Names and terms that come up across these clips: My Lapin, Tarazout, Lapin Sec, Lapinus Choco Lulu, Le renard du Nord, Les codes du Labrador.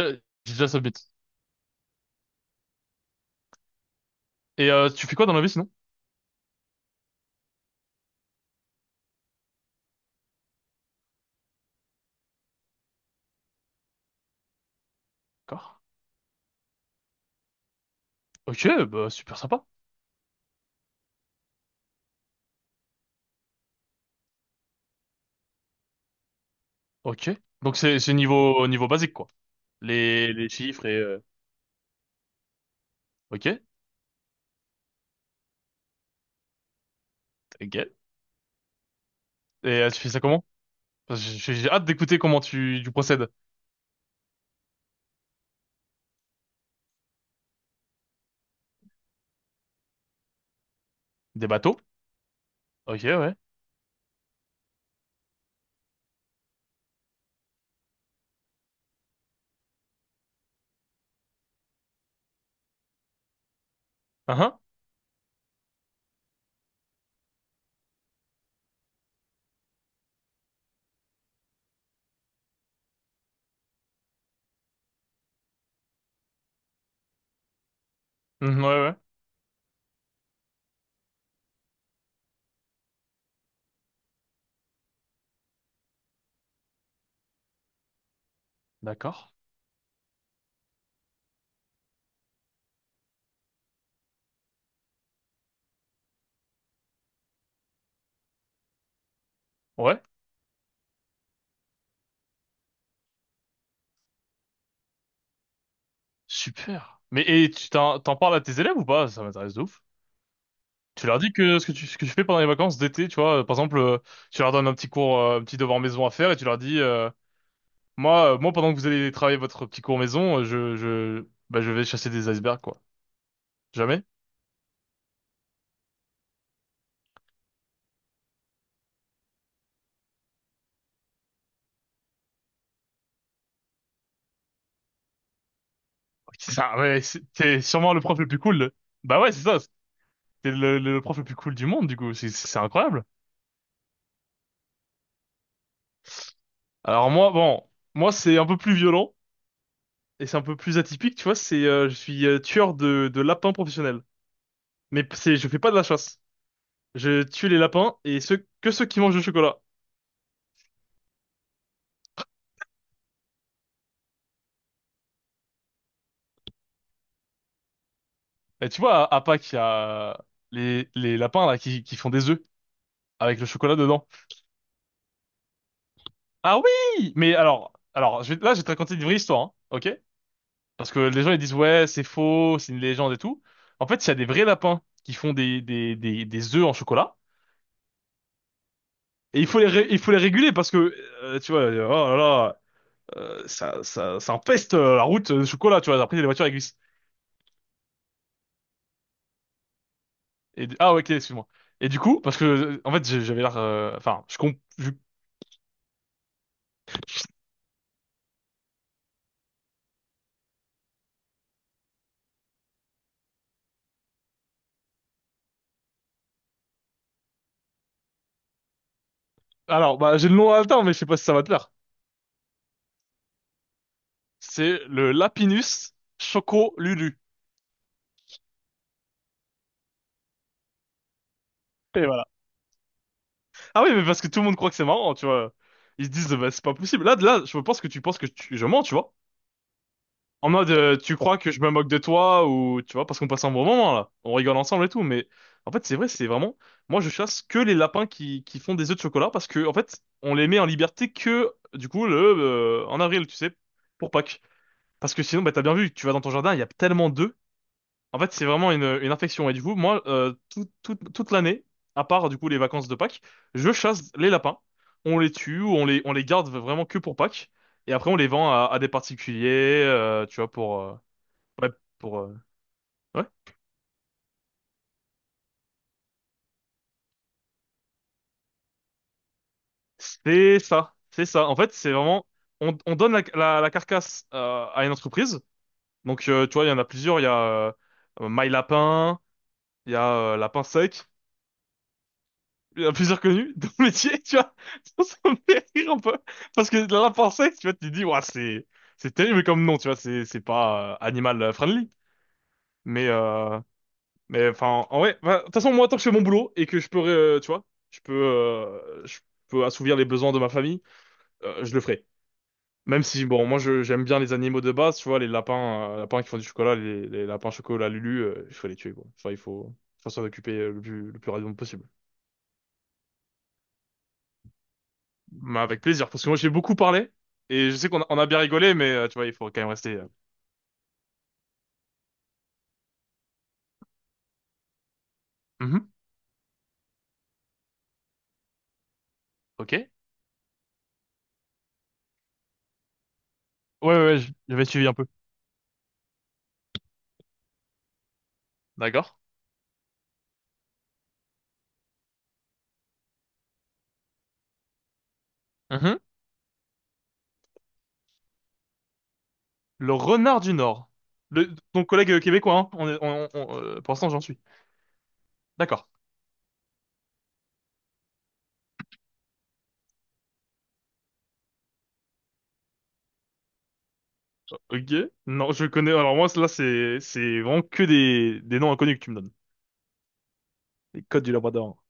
Euh, J'ai déjà submit. Et tu fais quoi dans la vie sinon? D'accord. Ok, bah super sympa. Ok. Donc c'est niveau basique quoi. Les chiffres et ok. Ok. Et tu fais ça comment? Parce que j'ai hâte d'écouter comment tu procèdes. Des bateaux. Ok, ouais. uh Mhm, ouais, ouais. D'accord. Ouais. Super. Mais et tu t'en parles à tes élèves ou pas? Ça m'intéresse de ouf. Tu leur dis que ce que tu fais pendant les vacances d'été, tu vois, par exemple, tu leur donnes un petit cours, un petit devoir maison à faire et tu leur dis. Moi, pendant que vous allez travailler votre petit cours maison, bah, je vais chasser des icebergs, quoi. Jamais? C'est ça, ouais, t'es sûrement le prof le plus cool. Bah ouais, c'est ça. T'es le prof le plus cool du monde, du coup. C'est incroyable. Alors moi, bon, moi, c'est un peu plus violent et c'est un peu plus atypique, tu vois. C'est, je suis tueur de lapins professionnel. Mais c'est, je fais pas de la chasse. Je tue les lapins et ceux qui mangent du chocolat. Et tu vois, à Pâques, il y a les lapins, là, qui font des œufs avec le chocolat dedans. Ah oui! Mais alors là, je vais te raconter une vraie histoire, hein, ok? Parce que les gens, ils disent, ouais, c'est faux, c'est une légende et tout. En fait, il y a des vrais lapins qui font des œufs en chocolat. Et il faut il faut les réguler parce que, tu vois, oh là là, ça empeste la route de chocolat, tu vois. Après, les voitures, elles glissent. Et, ah, ouais, ok, excuse-moi. Et du coup, parce que, en fait, j'avais l'air, enfin, alors, bah, j'ai le nom haletant, mais je sais pas si ça va te plaire. C'est le Lapinus Choco Lulu. Ah oui, mais parce que tout le monde croit que c'est marrant, tu vois. Ils se disent, bah, c'est pas possible. Là, je pense que tu penses que je mens, tu vois. En mode, tu crois que je me moque de toi ou, tu vois, parce qu'on passe un bon moment, là. On rigole ensemble et tout, mais en fait, c'est vrai, c'est vraiment, moi, je chasse que les lapins qui font des œufs de chocolat parce que, en fait, on les met en liberté que, du coup, en avril, tu sais, pour Pâques. Parce que sinon, bah, t'as bien vu, tu vas dans ton jardin, il y a tellement d'œufs en fait, c'est vraiment une infection. Et du coup, moi, toute l'année, à part du coup les vacances de Pâques, je chasse les lapins. On les tue ou on on les garde vraiment que pour Pâques. Et après, on les vend à des particuliers, tu vois, pour... ouais, pour... ouais. C'est ça. C'est ça. En fait, c'est vraiment... on donne la carcasse à une entreprise. Donc, tu vois, il y en a plusieurs. Il y a euh, My Lapin, il y a Lapin Sec. Il y en a plusieurs connus dans le métier, tu vois. Ça me fait rire un peu. Parce que dans la pensée, tu vois, tu te dis, ouais, c'est terrible comme nom, tu vois, c'est pas animal friendly. Mais, euh, mais enfin, en vrai, enfin, de toute façon, moi, tant que je fais mon boulot et que je peux, tu vois, je peux assouvir les besoins de ma famille, je le ferai. Même si, bon, moi, je, j'aime bien les animaux de base, tu vois, les lapins, lapins qui font du chocolat, les lapins chocolat Lulu, il faut les tuer, quoi. Enfin, il faut s'en occuper le plus rapidement possible. Bah, avec plaisir, parce que moi j'ai beaucoup parlé et je sais qu'on a, on a bien rigolé, mais tu vois, il faut quand même rester. Mhm, ok, ouais, ouais, ouais, j'avais suivi un peu. D'accord. Mhm. Le renard du Nord. Le, ton collègue québécois, hein. On est- on- Pour l'instant, j'en suis. D'accord. Ok. Non, je connais. Alors moi, là, c'est vraiment que des noms inconnus que tu me donnes. Les codes du Labrador.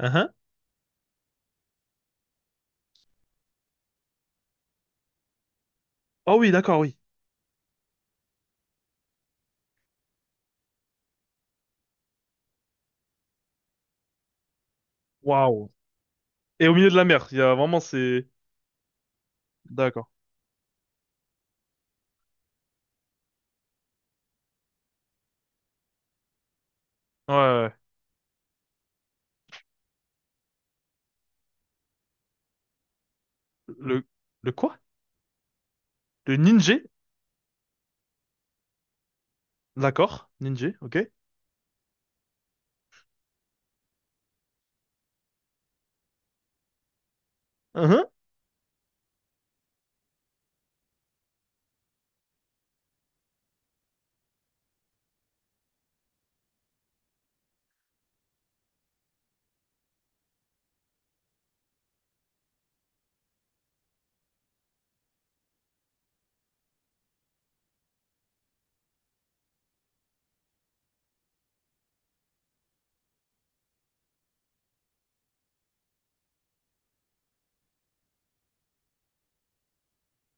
Mhm. Oh oui, d'accord, oui. Waouh. Et au milieu de la mer, il y a vraiment ces. D'accord. Ouais, ouais. Le le quoi? Le ninja. D'accord. Ninja. Ok.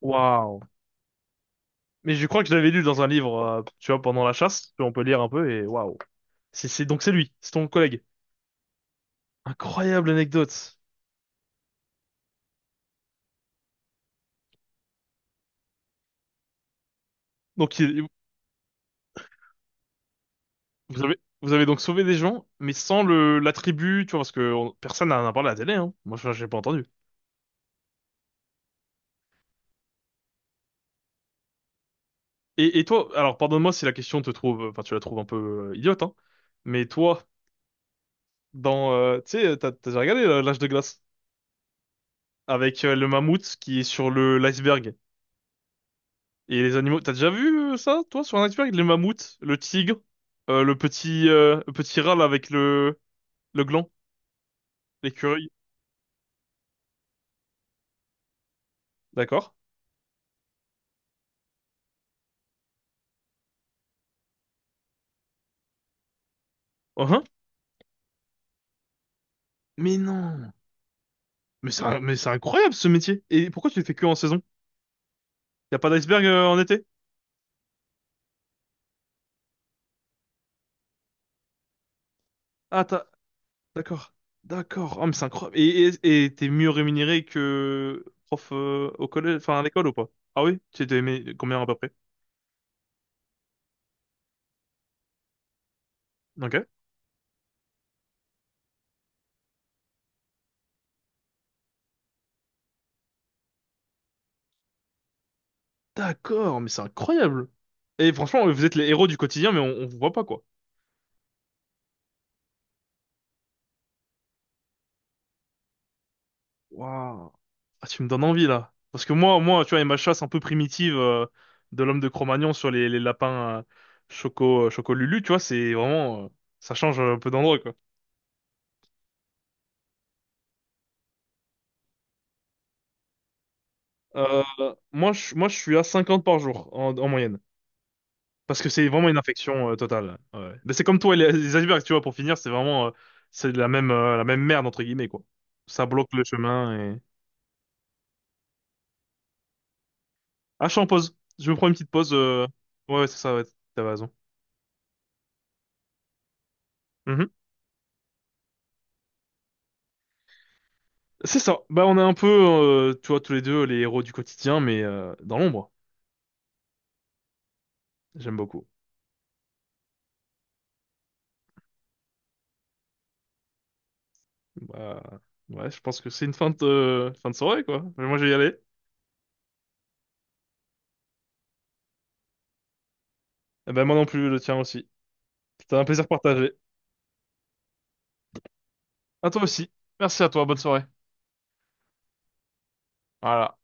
Waouh. Mais je crois que je l'avais lu dans un livre, tu vois, pendant la chasse. On peut lire un peu et waouh. C'est, donc c'est lui, c'est ton collègue. Incroyable anecdote. Donc il- vous avez donc sauvé des gens, mais sans l'attribut, tu vois, parce que personne n'en a parlé à la télé, hein. Moi, je, j'ai pas entendu. Et toi, alors pardonne-moi si la question te trouve, enfin tu la trouves un peu idiote, hein. Mais toi, dans, tu sais, t'as déjà regardé l'âge de glace avec le mammouth qui est sur le l'iceberg. Et les animaux, t'as déjà vu ça, toi, sur un iceberg? Les mammouths, le tigre, le petit râle avec le gland, l'écureuil, d'accord? Uhum. Mais non! Mais c'est incroyable ce métier! Et pourquoi tu le fais que en saison? Y a pas d'iceberg en été? Ah, t'as, d'accord, d'accord. Ah mais c'est incroyable. Et t'es mieux rémunéré que prof au collège, enfin à l'école ou pas? Ah oui? Tu étais aimé combien à peu près? Ok. D'accord, mais c'est incroyable! Et franchement, vous êtes les héros du quotidien, mais on vous voit pas quoi. Waouh. Ah, tu me donnes envie là. Parce que moi, moi, tu vois, et ma chasse un peu primitive de l'homme de Cro-Magnon sur les lapins Choco, Choco Lulu, tu vois, c'est vraiment, ça change un peu d'endroit quoi. Euh, moi, moi, je suis à 50 par jour en moyenne. Parce que c'est vraiment une infection totale. Ouais, ouais. Mais c'est comme toi et les icebergs, tu vois, pour finir, c'est vraiment, c'est la même merde entre guillemets quoi. Ça bloque le chemin et. Ah, je suis en pause. Je me prends une petite pause. Ouais, ouais, c'est ça. Ouais, t'avais raison. Mhm. C'est ça. Bah, on est un peu, tu vois, tous les deux les héros du quotidien, mais dans l'ombre. J'aime beaucoup. Bah, ouais, je pense que c'est une fin de fin de soirée, quoi. Mais moi, je vais y aller. Eh ben, moi non plus, le tien aussi. C'était un plaisir partagé. À toi aussi. Merci à toi. Bonne soirée. Voilà.